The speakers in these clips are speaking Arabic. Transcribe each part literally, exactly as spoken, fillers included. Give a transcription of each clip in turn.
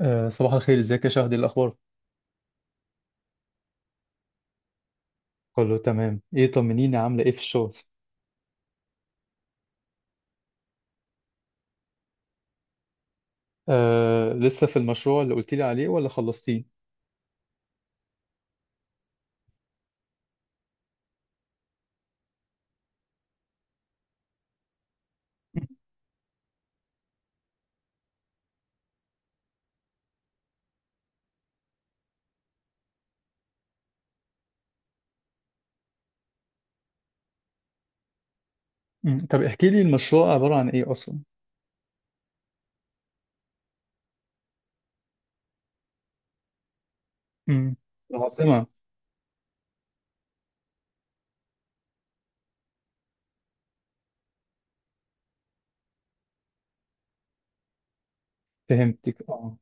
أه صباح الخير، ازيك يا شهد؟ إيه الاخبار؟ كله تمام. ايه، طمنيني، عامله ايه في الشغل؟ أه لسه في المشروع اللي قلت لي عليه ولا خلصتيه؟ مم. طب احكي لي المشروع عباره عن ايه اصلا؟ مم. العاصمه. فهمتك، اه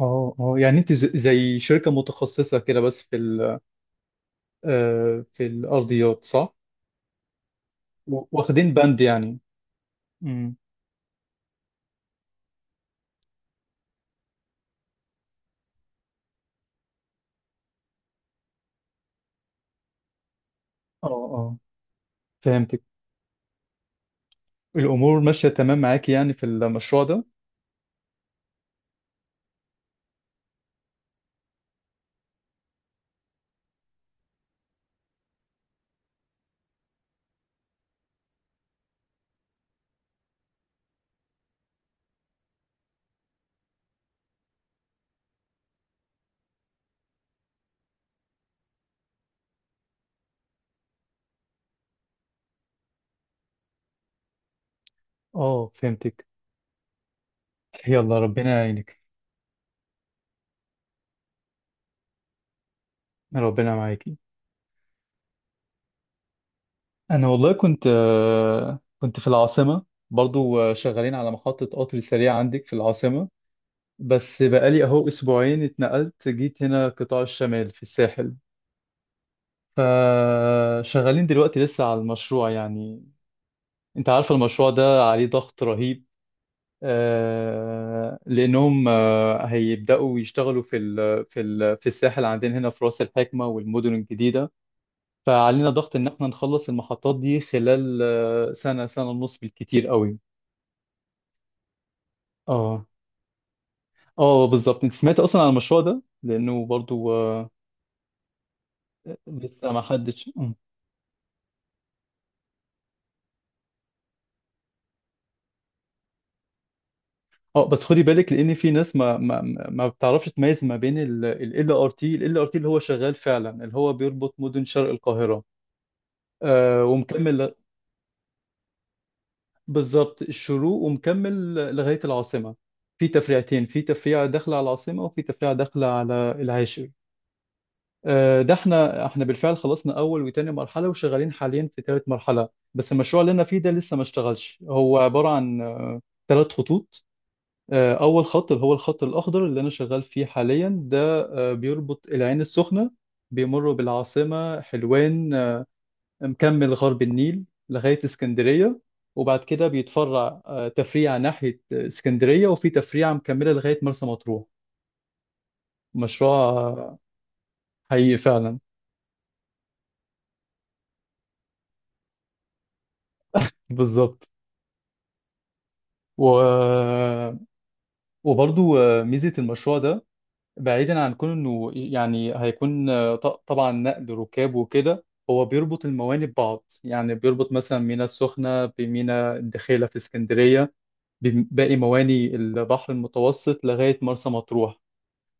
اه. اه، يعني انت ز- زي شركه متخصصه كده بس في ال أه في الارضيات صح؟ و- واخدين بند يعني. مم. اه، اه، فهمتك. الامور ماشيه تمام معاكي يعني في المشروع ده؟ اه، فهمتك. يلا ربنا يعينك. ربنا معاكي. انا والله كنت آه، كنت في العاصمه برضو، آه، شغالين على محطه قطر سريع عندك في العاصمه. بس بقالي اهو اسبوعين اتنقلت، جيت هنا قطاع الشمال في الساحل. فشغالين دلوقتي لسه على المشروع يعني. انت عارف المشروع ده عليه ضغط رهيب. آه، لانهم آه، هيبداوا يشتغلوا في ال في ال في الساحل عندنا هنا في راس الحكمه والمدن الجديده. فعلينا ضغط ان احنا نخلص المحطات دي خلال آه، سنه، سنه ونص بالكتير قوي. اه، اه، بالظبط. انت سمعت اصلا عن المشروع ده؟ لانه برضو آه، لسه ما حدش اه. آه، بس خدي بالك، لان في ناس ما ما ما ما بتعرفش تميز ما بين ال ار تي، ال ار تي اللي هو شغال فعلا، اللي هو بيربط مدن شرق القاهره آه ومكمل ل- بالظبط، الشروق ومكمل لغايه العاصمه. في تفريعتين، في تفريعه داخله على العاصمه وفي تفريعه داخله على العاشر. آه، ده احنا احنا بالفعل خلصنا اول وتاني مرحله وشغالين حاليا في تالت مرحله. بس المشروع اللي انا فيه ده لسه ما اشتغلش، هو عباره عن آه، تلات خطوط. آه، اول خط اللي هو الخط الاخضر اللي انا شغال فيه حاليا ده آه، بيربط العين السخنه، بيمر بالعاصمه، حلوان، آه، مكمل غرب النيل لغايه اسكندريه. وبعد كده بيتفرع آه، تفريع ناحيه اسكندريه وفي تفريعه مكمله لغايه مرسى مطروح. مشروع آه، حقيقي فعلا. بالظبط. و آه، وبرضو آه، ميزة المشروع ده، بعيدا عن كون انه يعني هيكون آه، ط- طبعا نقل ركاب وكده، هو بيربط الموانئ ببعض، يعني بيربط مثلا ميناء السخنة بميناء الدخيلة في اسكندرية بباقي موانئ البحر المتوسط لغاية مرسى مطروح.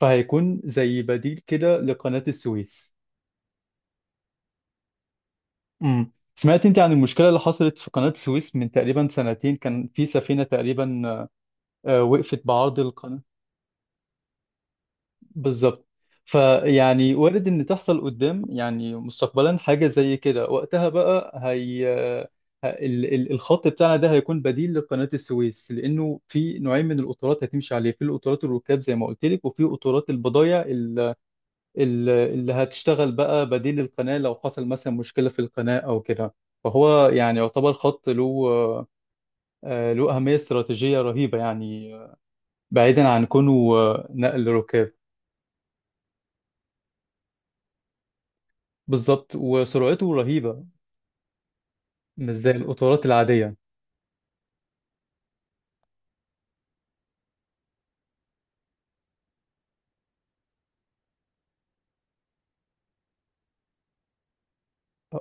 فهيكون زي بديل كده لقناة السويس. امم سمعت انت عن المشكلة اللي حصلت في قناة السويس من تقريبا سنتين؟ كان في سفينة تقريبا آه، وقفت بعرض. بالظبط. فيعني وارد ان تحصل قدام، يعني مستقبلا حاجه زي كده، وقتها بقى هي ه- ال- ال- الخط بتاعنا ده هيكون بديل لقناه السويس، لانه في نوعين من القطارات هتمشي عليه، في القطارات الركاب زي ما قلت لك، وفي قطارات البضايع ال- ال- اللي هتشتغل بقى بديل القناه لو حصل مثلا مشكله في القناه او كده. فهو يعني يعتبر خط له، آه، له اهميه استراتيجيه رهيبه يعني، بعيدا عن كونه آه، نقل ركاب. بالظبط، وسرعته رهيبة. مش زي القطارات العادية.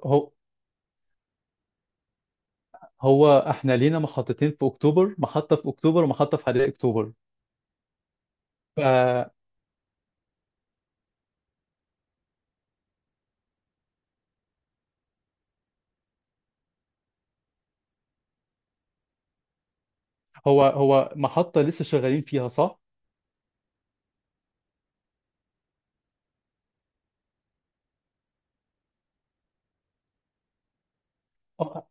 هو هو احنا لينا محطتين في اكتوبر، محطة في اكتوبر ومحطة في حدائق اكتوبر. فهو هو محطة لسه شغالين فيها صح؟ آه،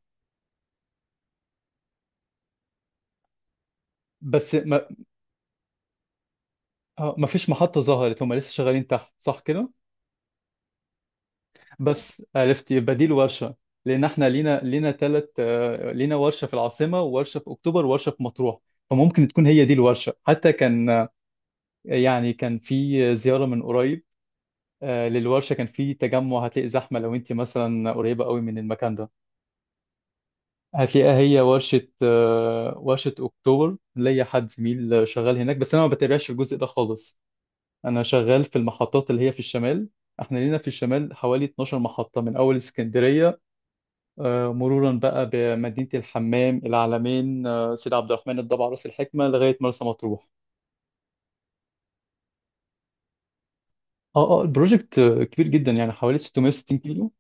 بس ما آه، ما فيش محطة ظهرت، هم لسه شغالين تحت صح كده؟ بس عرفت يبقى دي الورشة، لان احنا لينا لينا ثلاث، لينا ورشة في العاصمة وورشة في اكتوبر وورشة في مطروح. فممكن تكون هي دي الورشة. حتى كان يعني كان في زيارة من قريب آه، للورشة، كان في تجمع. هتلاقي زحمة لو انت مثلا قريبة قوي من المكان ده، هتلاقيها هي ورشة آه، ورشة أكتوبر. ليا حد زميل شغال هناك، بس أنا ما بتابعش الجزء ده خالص. أنا شغال في المحطات اللي هي في الشمال. احنا لينا في الشمال حوالي اتناشر محطة من أول اسكندرية، آه، مرورا بقى بمدينة الحمام، العلمين، آه، سيد عبد الرحمن، الضبع، راس الحكمة لغاية مرسى مطروح. اه، اه، البروجكت آه، كبير جدا يعني، حوالي ستمية وستين كيلو.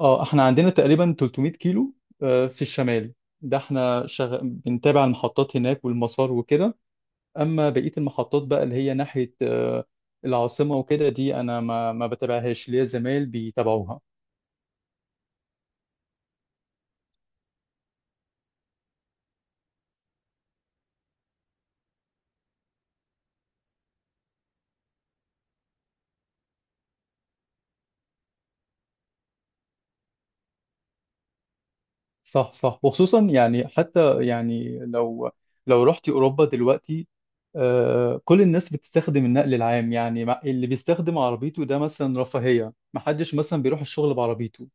اه، احنا عندنا تقريبا تلتمية كيلو آه، في الشمال. ده احنا شغ... بنتابع المحطات هناك والمسار وكده. اما بقية المحطات بقى اللي هي ناحية آه، العاصمة وكده دي، انا ما ما بتابعهاش، ليا زمايل بيتابعوها. صح، صح، وخصوصا يعني حتى يعني لو لو رحتي اوروبا دلوقتي، آه، كل الناس بتستخدم النقل العام يعني، مع- اللي بيستخدم عربيته ده مثلا رفاهية، محدش مثلا بيروح الشغل بعربيته.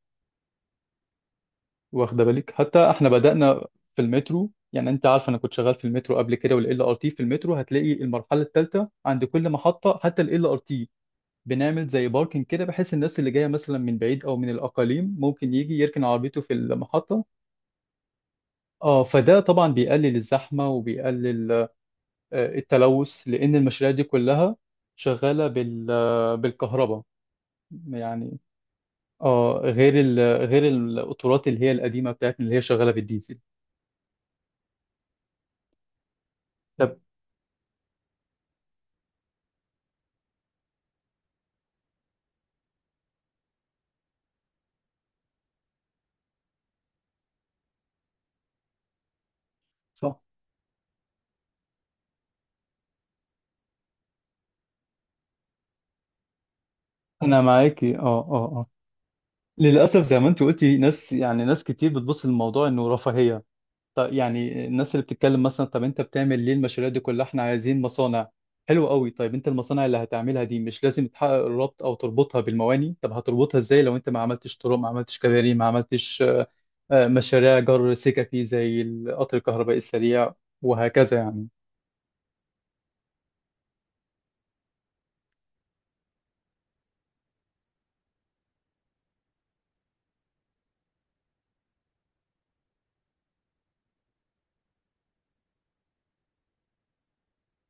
واخده بالك، حتى احنا بدأنا في المترو. يعني انت عارف انا كنت شغال في المترو قبل كده والال ار تي، في المترو هتلاقي المرحله الثالثه عند كل محطه، حتى الال ار تي بنعمل زي باركنج كده، بحيث الناس اللي جايه مثلا من بعيد او من الاقاليم ممكن يجي يركن عربيته في المحطه. اه، فده طبعا بيقلل الزحمه وبيقلل آه، التلوث، لان المشاريع دي كلها شغاله بال آه، بالكهرباء يعني، اه، غير ال غير القطارات اللي هي القديمه بتاعتنا اللي هي شغاله بالديزل. طب. صح. انا معاكي، اه، اه، اه. للاسف زي ما انت قلتي، ناس يعني ناس كتير بتبص للموضوع انه رفاهيه. طب يعني الناس اللي بتتكلم مثلا: طب انت بتعمل ليه المشاريع دي كلها، احنا عايزين مصانع. حلو قوي، طيب انت المصانع اللي هتعملها دي مش لازم تحقق الربط او تربطها بالمواني؟ طب هتربطها ازاي لو انت ما عملتش طرق، ما عملتش كباري، ما عملتش آه، مشاريع جر سككي زي القطر الكهربائي السريع، وهكذا يعني.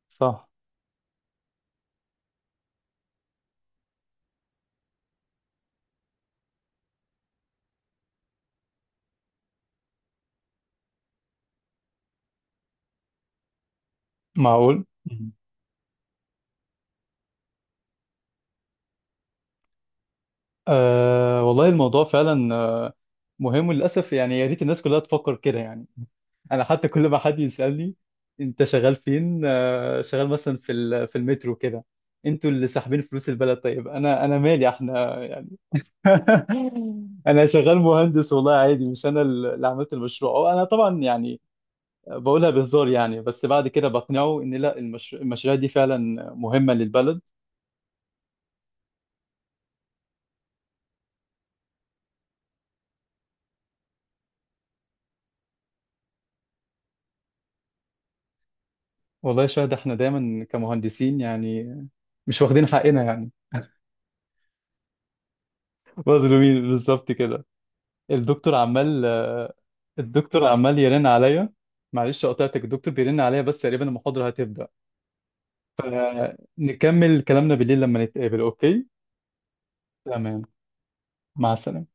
صح. معقول. مم. آه والله الموضوع فعلا آه، مهم، للأسف. يعني يا ريت الناس كلها تفكر كده يعني. انا حتى كل ما حد يسالني: انت شغال فين؟ آه، شغال مثلا في ال- في المترو كده. انتوا اللي ساحبين فلوس البلد. طيب انا انا مالي احنا يعني، انا شغال مهندس والله عادي، مش انا اللي عملت المشروع، أو انا طبعا يعني، بقولها بهزار يعني. بس بعد كده بقنعه ان لا، المش... المشاريع دي فعلا مهمة للبلد. والله يا شاهد، احنا دايما كمهندسين يعني مش واخدين حقنا يعني. مظلومين بالظبط كده. الدكتور عمال، الدكتور عمال يرن عليا. معلش قطعتك، الدكتور بيرن عليا بس تقريبا المحاضرة هتبدأ. فنكمل كلامنا بالليل لما نتقابل، اوكي؟ تمام. مع السلامة.